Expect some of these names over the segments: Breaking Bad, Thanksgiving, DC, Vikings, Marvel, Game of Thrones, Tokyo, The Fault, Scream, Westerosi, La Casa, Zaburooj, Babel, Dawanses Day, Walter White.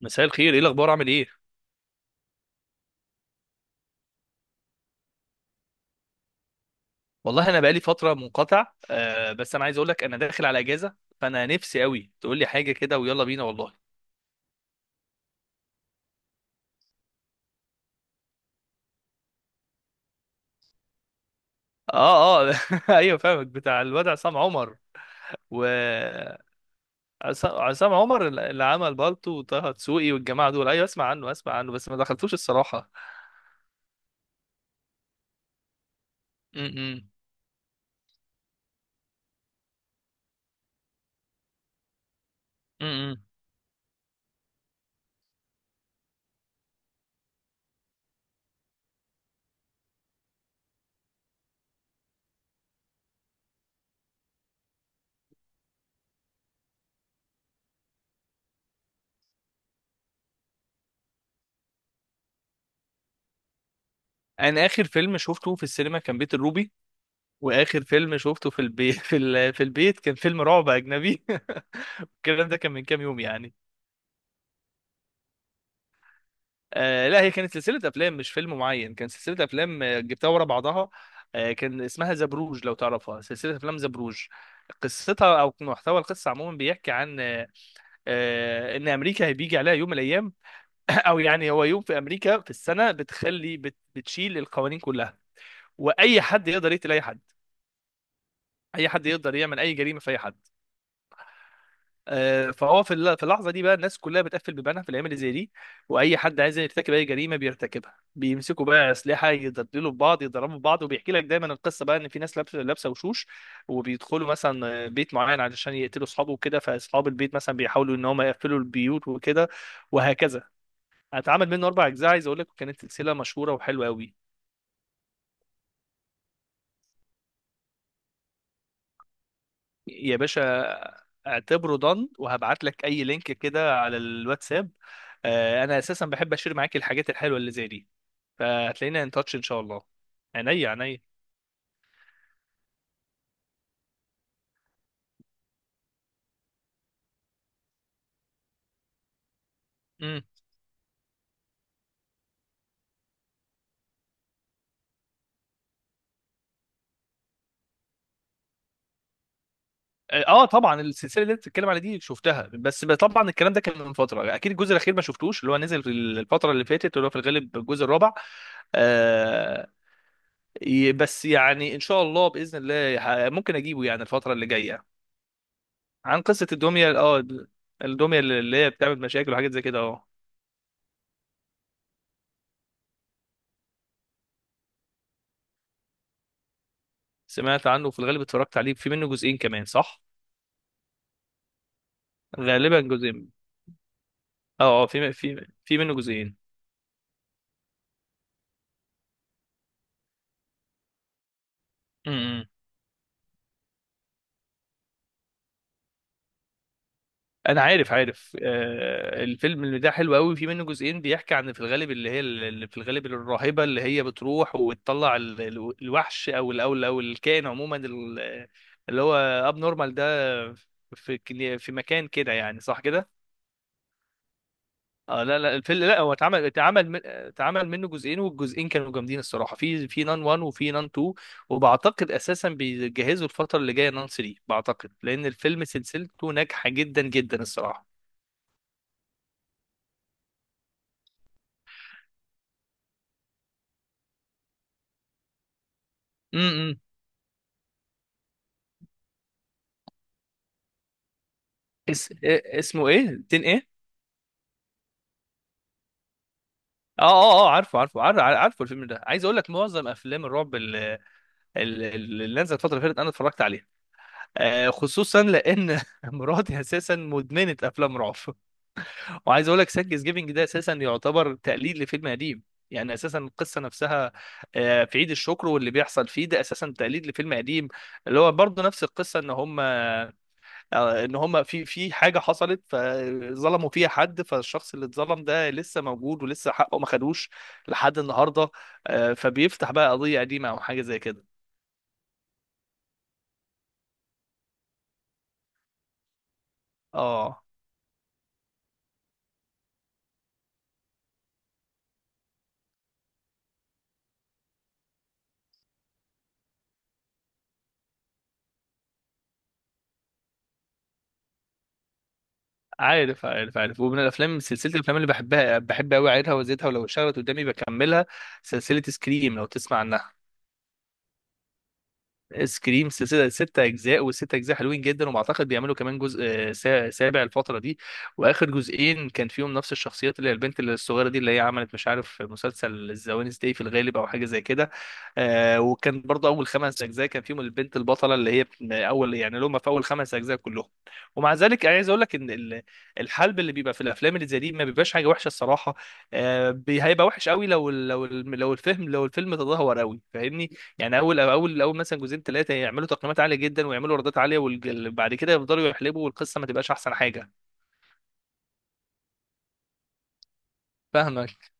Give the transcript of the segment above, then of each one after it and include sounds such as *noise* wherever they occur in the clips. مساء الخير، ايه الاخبار؟ عامل ايه؟ والله انا بقالي فتره منقطع، آه، بس انا عايز اقول لك انا داخل على اجازه، فانا نفسي قوي تقول لي حاجه كده ويلا بينا والله. اه *laughs* ايوه فاهمك، بتاع الواد عصام عمر و عصام عمر اللي عمل بالطو وطه دسوقي والجماعه دول. ايوه، اسمع عنه، اسمع عنه، بس ما دخلتوش الصراحه. امم امم انا اخر فيلم شفته في السينما كان بيت الروبي، واخر فيلم شفته في البيت في البيت كان فيلم رعب اجنبي. *laughs* الكلام ده كان من كام يوم يعني. آه لا، هي كانت سلسلة أفلام مش فيلم معين، كان سلسلة أفلام، جبتها ورا بعضها. آه، كان اسمها زبروج لو تعرفها، سلسلة أفلام زبروج. قصتها أو محتوى القصة عموما بيحكي عن إن أمريكا بيجي عليها يوم من الأيام. *coughs* *laughs* أو يعني هو يوم في أمريكا في السنة بتخلي بتشيل القوانين كلها، وأي حد يقدر يقتل أي حد، أي حد يقدر يعمل أي جريمة في أي حد. آه، فهو في اللحظه دي بقى الناس كلها بتقفل بيبانها في الايام اللي زي دي، واي حد عايز يرتكب اي جريمه بيرتكبها. بيمسكوا بقى اسلحه يضربوا في بعض يضربوا في بعض، وبيحكي لك دايما القصه بقى ان في ناس لابسه وشوش وبيدخلوا مثلا بيت معين علشان يقتلوا اصحابه وكده، فاصحاب البيت مثلا بيحاولوا ان هم يقفلوا البيوت وكده وهكذا. هتعمل منه اربع اجزاء، عايز اقول لك كانت سلسله مشهوره وحلوه قوي. يا باشا، اعتبره ضن، وهبعت لك اي لينك كده على الواتساب. آه، انا اساسا بحب اشير معاك الحاجات الحلوه اللي زي دي، فهتلاقينا ان تاتش ان شاء الله. عينيا عينيا. امم. اه، آه، طبعا السلسله اللي انت بتتكلم عليها دي شفتها، بس طبعا الكلام ده كان من فتره اكيد. الجزء الاخير ما شفتوش، اللي هو نزل في الفتره اللي فاتت، اللي هو في الغالب الجزء الرابع. آه. بس يعني ان شاء الله باذن الله ممكن اجيبه يعني الفتره اللي جايه. عن قصه الدميه، اه، الدميه اللي هي بتعمل مشاكل وحاجات زي كده، اه. سمعت عنه، في الغالب اتفرجت عليه، في منه جزئين كمان صح؟ غالبا جزئين. اه اه، في منه جزئين. انا عارف عارف، آه، الفيلم اللي ده حلو قوي، في منه جزئين، بيحكي عن في الغالب اللي هي اللي في الغالب الراهبه، اللي هي بتروح وتطلع الوحش، او الكائن عموما، اللي هو اب نورمال ده، في مكان كده، يعني صح كده؟ اه لا لا، الفيلم لا، هو اتعمل منه جزئين، والجزئين كانوا جامدين الصراحه، في في نان 1 وفي نان 2. وبعتقد اساسا بيجهزوا الفتره اللي جايه نان 3، بعتقد لان الفيلم سلسلته ناجحه جدا جدا الصراحه. اس... إيه- اسمه ايه؟ تين ايه؟ اه عارفه عارفه عارفه عارفه، الفيلم ده عايز اقول لك. معظم افلام الرعب اللي نزلت الفتره اللي فاتت انا اتفرجت عليها، آه، خصوصا لان *laughs* مراتي اساسا مدمنه افلام رعب. وعايز اقول لك سانكس جيفنج ده اساسا يعتبر تقليد لفيلم قديم، يعني اساسا القصه نفسها. آه، في عيد الشكر واللي بيحصل فيه، ده اساسا تقليد لفيلم قديم، اللي هو برضه نفس القصه، ان هم آه، ان هم في في حاجه حصلت فظلموا فيها حد، فالشخص اللي اتظلم ده لسه موجود ولسه حقه ما خدوش لحد النهارده. آه، فبيفتح بقى قضيه قديمه او حاجه زي كده. اه عارف عارف عارف. ومن الافلام، سلسله الافلام اللي بحبها، بحب قوي اعيدها وازيدها، ولو اشتغلت قدامي بكملها، سلسله سكريم لو تسمع عنها. سكريم سلسله ست اجزاء، والست اجزاء حلوين جدا، وبعتقد بيعملوا كمان جزء، آه، سابع الفتره دي. واخر جزئين كان فيهم نفس الشخصيات، اللي هي البنت الصغيره دي، اللي هي عملت مش عارف مسلسل الزوانس داي في الغالب او حاجه زي كده. آه، وكان برضه اول خمس اجزاء كان فيهم البنت البطله، اللي هي اول يعني اللي هم في اول خمس اجزاء كلهم. ومع ذلك عايز اقول لك ان الحلب اللي بيبقى في الافلام اللي زي دي ما بيبقاش حاجه وحشه الصراحه. آه، هيبقى وحش قوي لو لو لو الفهم لو الفيلم تدهور قوي، فاهمني؟ يعني اول مثلا جزئين ثلاثه يعملوا تقييمات عاليه جدا ويعملوا ايرادات عاليه، وبعد كده يفضلوا يحلبوا والقصه ما تبقاش احسن حاجه. فاهمك.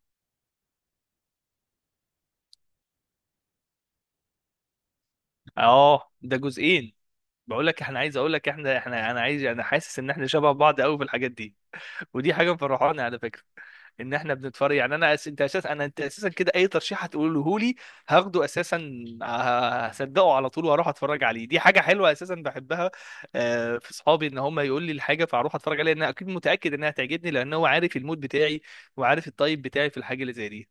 اه ده جزئين. بقول لك احنا، عايز اقول لك احنا، انا حاسس ان احنا شبه بعض قوي في الحاجات دي، ودي حاجه مفرحاني على فكره، ان احنا بنتفرج. يعني انا أس... انت اساسا انا انت اساسا كده اي ترشيح هتقوله لي هاخده اساسا، ه- هصدقه على طول واروح اتفرج عليه. دي حاجه حلوه اساسا بحبها، آه، في صحابي ان هم يقول لي الحاجه فاروح اتفرج عليها، لان اكيد متاكد انها تعجبني، لان هو عارف المود بتاعي وعارف الطيب بتاعي في الحاجه اللي زي دي.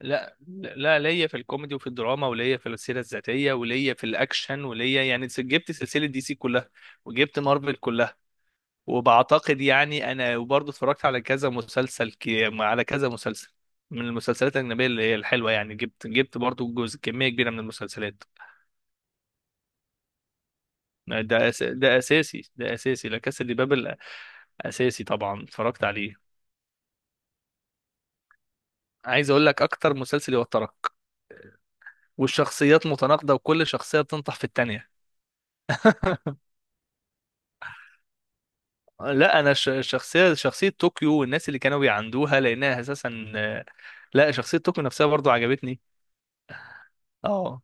لا لا، ليا في الكوميدي وفي الدراما، وليا في السيره الذاتيه، وليا في الاكشن، وليا يعني جبت سلسله دي سي كلها، وجبت مارفل كلها. وبعتقد يعني انا وبرضه اتفرجت على كذا مسلسل، على كذا مسلسل من المسلسلات الاجنبيه، اللي هي الحلوه يعني. جبت جبت برضه جزء كميه كبيره من المسلسلات. ده اساسي، ده اساسي، لا كاسا دي بابل اساسي طبعا، اتفرجت عليه. عايز اقول لك اكتر مسلسل يوترك، والشخصيات متناقضه، وكل شخصيه بتنطح في التانيه. *laughs* لا، انا شخصيه طوكيو والناس اللي كانوا بيعندوها، لانها اساسا، لا شخصيه طوكيو نفسها برضو عجبتني. اه.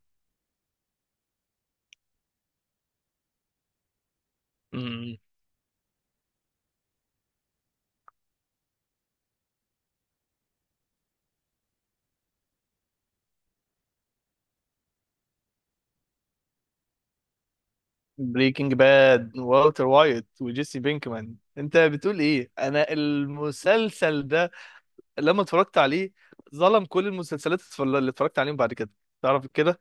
بريكنج باد، والتر وايت وجيسي بينكمان، انت بتقول ايه؟ انا المسلسل ده لما اتفرجت عليه ظلم كل المسلسلات اللي اتفرجت عليهم بعد كده، تعرف كده؟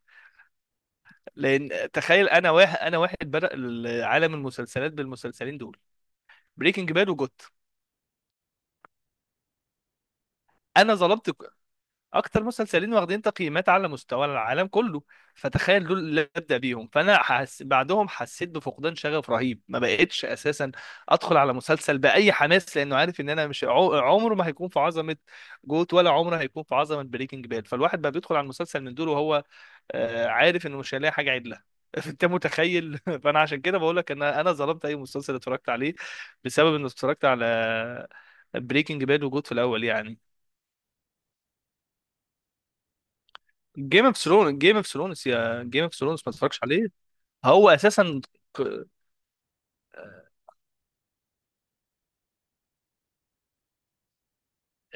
لان تخيل، انا واحد بدأ عالم المسلسلات بالمسلسلين دول، بريكنج باد وجوت. انا ظلمت اكتر مسلسلين واخدين تقييمات على مستوى العالم كله، فتخيل دول اللي ابدا بيهم، بعدهم حسيت بفقدان شغف رهيب، ما بقتش اساسا ادخل على مسلسل باي حماس، لانه عارف ان انا مش عمره ما هيكون في عظمه جوت، ولا عمره هيكون في عظمه بريكنج باد. فالواحد بقى بيدخل على المسلسل من دول وهو آه، عارف انه مش هيلاقي حاجه عدله. *laughs* انت متخيل؟ *laughs* فانا عشان كده بقول لك ان انا ظلمت اي مسلسل اتفرجت عليه، بسبب انه اتفرجت على بريكنج باد وجود في الاول يعني. جيم اوف ثرونز، جيم اوف ثرونز، يا جيم اوف ثرونز ما تتفرجش عليه. هو اساسا ك-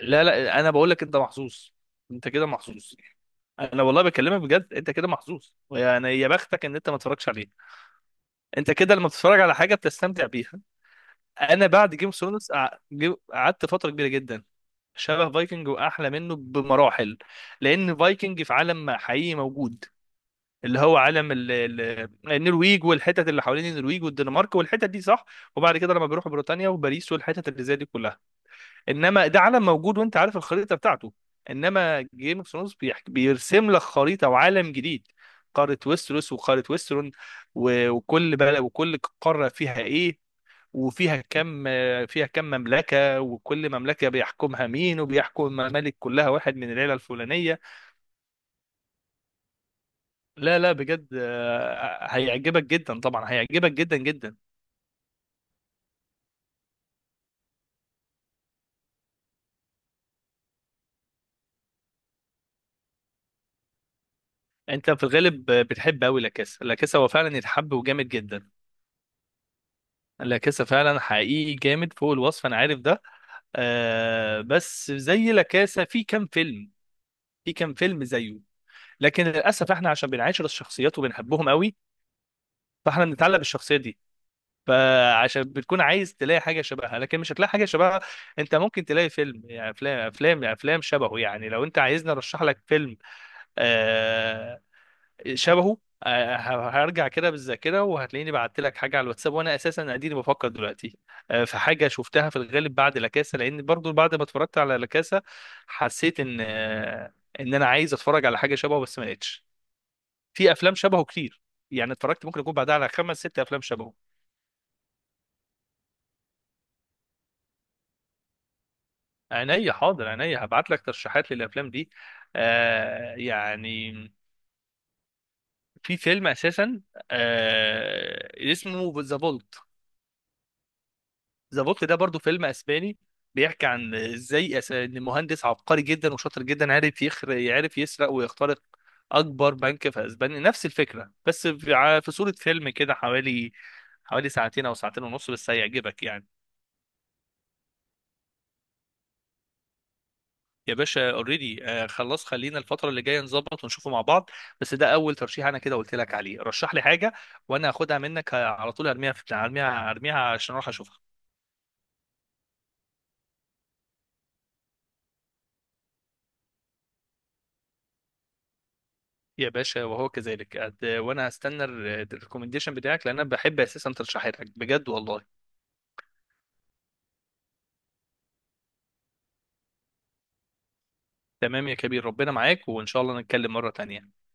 لا لا، انا بقول لك انت محظوظ، انت كده محظوظ، انا والله بكلمك بجد، انت كده محظوظ يعني، يا بختك ان انت ما تتفرجش عليه. انت كده لما بتتفرج على حاجه بتستمتع بيها. انا بعد جيم اوف ثرونز قعدت فتره كبيره جدا. شبه فايكنج، واحلى منه بمراحل، لان فايكنج في عالم حقيقي موجود، اللي هو علم النرويج والحتت اللي حوالين النرويج والدنمارك والحتت دي، صح؟ وبعد كده لما بيروحوا بريطانيا وباريس والحتت اللي زي دي كلها، انما ده علم موجود وانت عارف الخريطه بتاعته. انما جيم اوف ثرونز بيرسم لك خريطه وعالم جديد، قاره ويستروس وقاره ويسترون، وكل بلد وكل قاره فيها ايه، وفيها كم، فيها كم مملكه، وكل مملكه بيحكمها مين، وبيحكم الممالك كلها واحد من العيله الفلانيه. لا لا بجد، آه، هيعجبك جدا، طبعا هيعجبك جدا جدا. انت في الغالب آه، بتحب قوي لاكاسا. لاكاسا هو فعلا يتحب وجامد جدا، لاكاسا فعلا حقيقي جامد فوق الوصف، انا عارف ده. آه، بس زي لاكاسا في كام فيلم، في كام فيلم زيه، لكن للاسف احنا عشان بنعاشر الشخصيات وبنحبهم قوي، فاحنا بنتعلق بالشخصيه دي، فعشان بتكون عايز تلاقي حاجه شبهها، لكن مش هتلاقي حاجه شبهها. انت ممكن تلاقي فيلم، يعني افلام يعني افلام شبهه. يعني لو انت عايزني ارشح لك فيلم آه، شبهه آه، هرجع كده بالذاكره، وهتلاقيني بعت لك حاجه على الواتساب، وانا اساسا اديني بفكر دلوقتي. آه، في حاجه شفتها في الغالب بعد لاكاسا، لان برضو بعد ما اتفرجت على لاكاسا حسيت ان آه، ان انا عايز اتفرج على حاجه شبهه، بس ما لقيتش. في افلام شبهه كتير، يعني اتفرجت ممكن يكون بعدها على خمس ست افلام شبهه. عينيا حاضر، عينيا هبعت لك ترشيحات للافلام دي. آه يعني، في فيلم اساسا آه اسمه ذا فولت، ذا فولت ده برضو فيلم اسباني، بيحكي عن ازاي ان مهندس عبقري جدا وشاطر جدا عارف يعرف يسرق ويخترق اكبر بنك في اسبانيا. نفس الفكره بس في في صوره فيلم كده، حوالي حوالي ساعتين او ساعتين ونص، بس هيعجبك يعني. يا باشا اوريدي خلاص، خلينا الفترة اللي جاية نظبط ونشوفه مع بعض. بس ده أول ترشيح أنا كده قلت لك عليه، رشح لي حاجة وأنا هاخدها منك آه، على طول أرميها في بتاع، أرميها عشان أروح أشوفها. يا باشا وهو كذلك. وأنا هستنى الريكومنديشن بتاعك، لأن أنا بحب أساسا ترشيحاتك بجد والله. تمام يا كبير، ربنا معاك، وإن شاء الله نتكلم مرة تانية.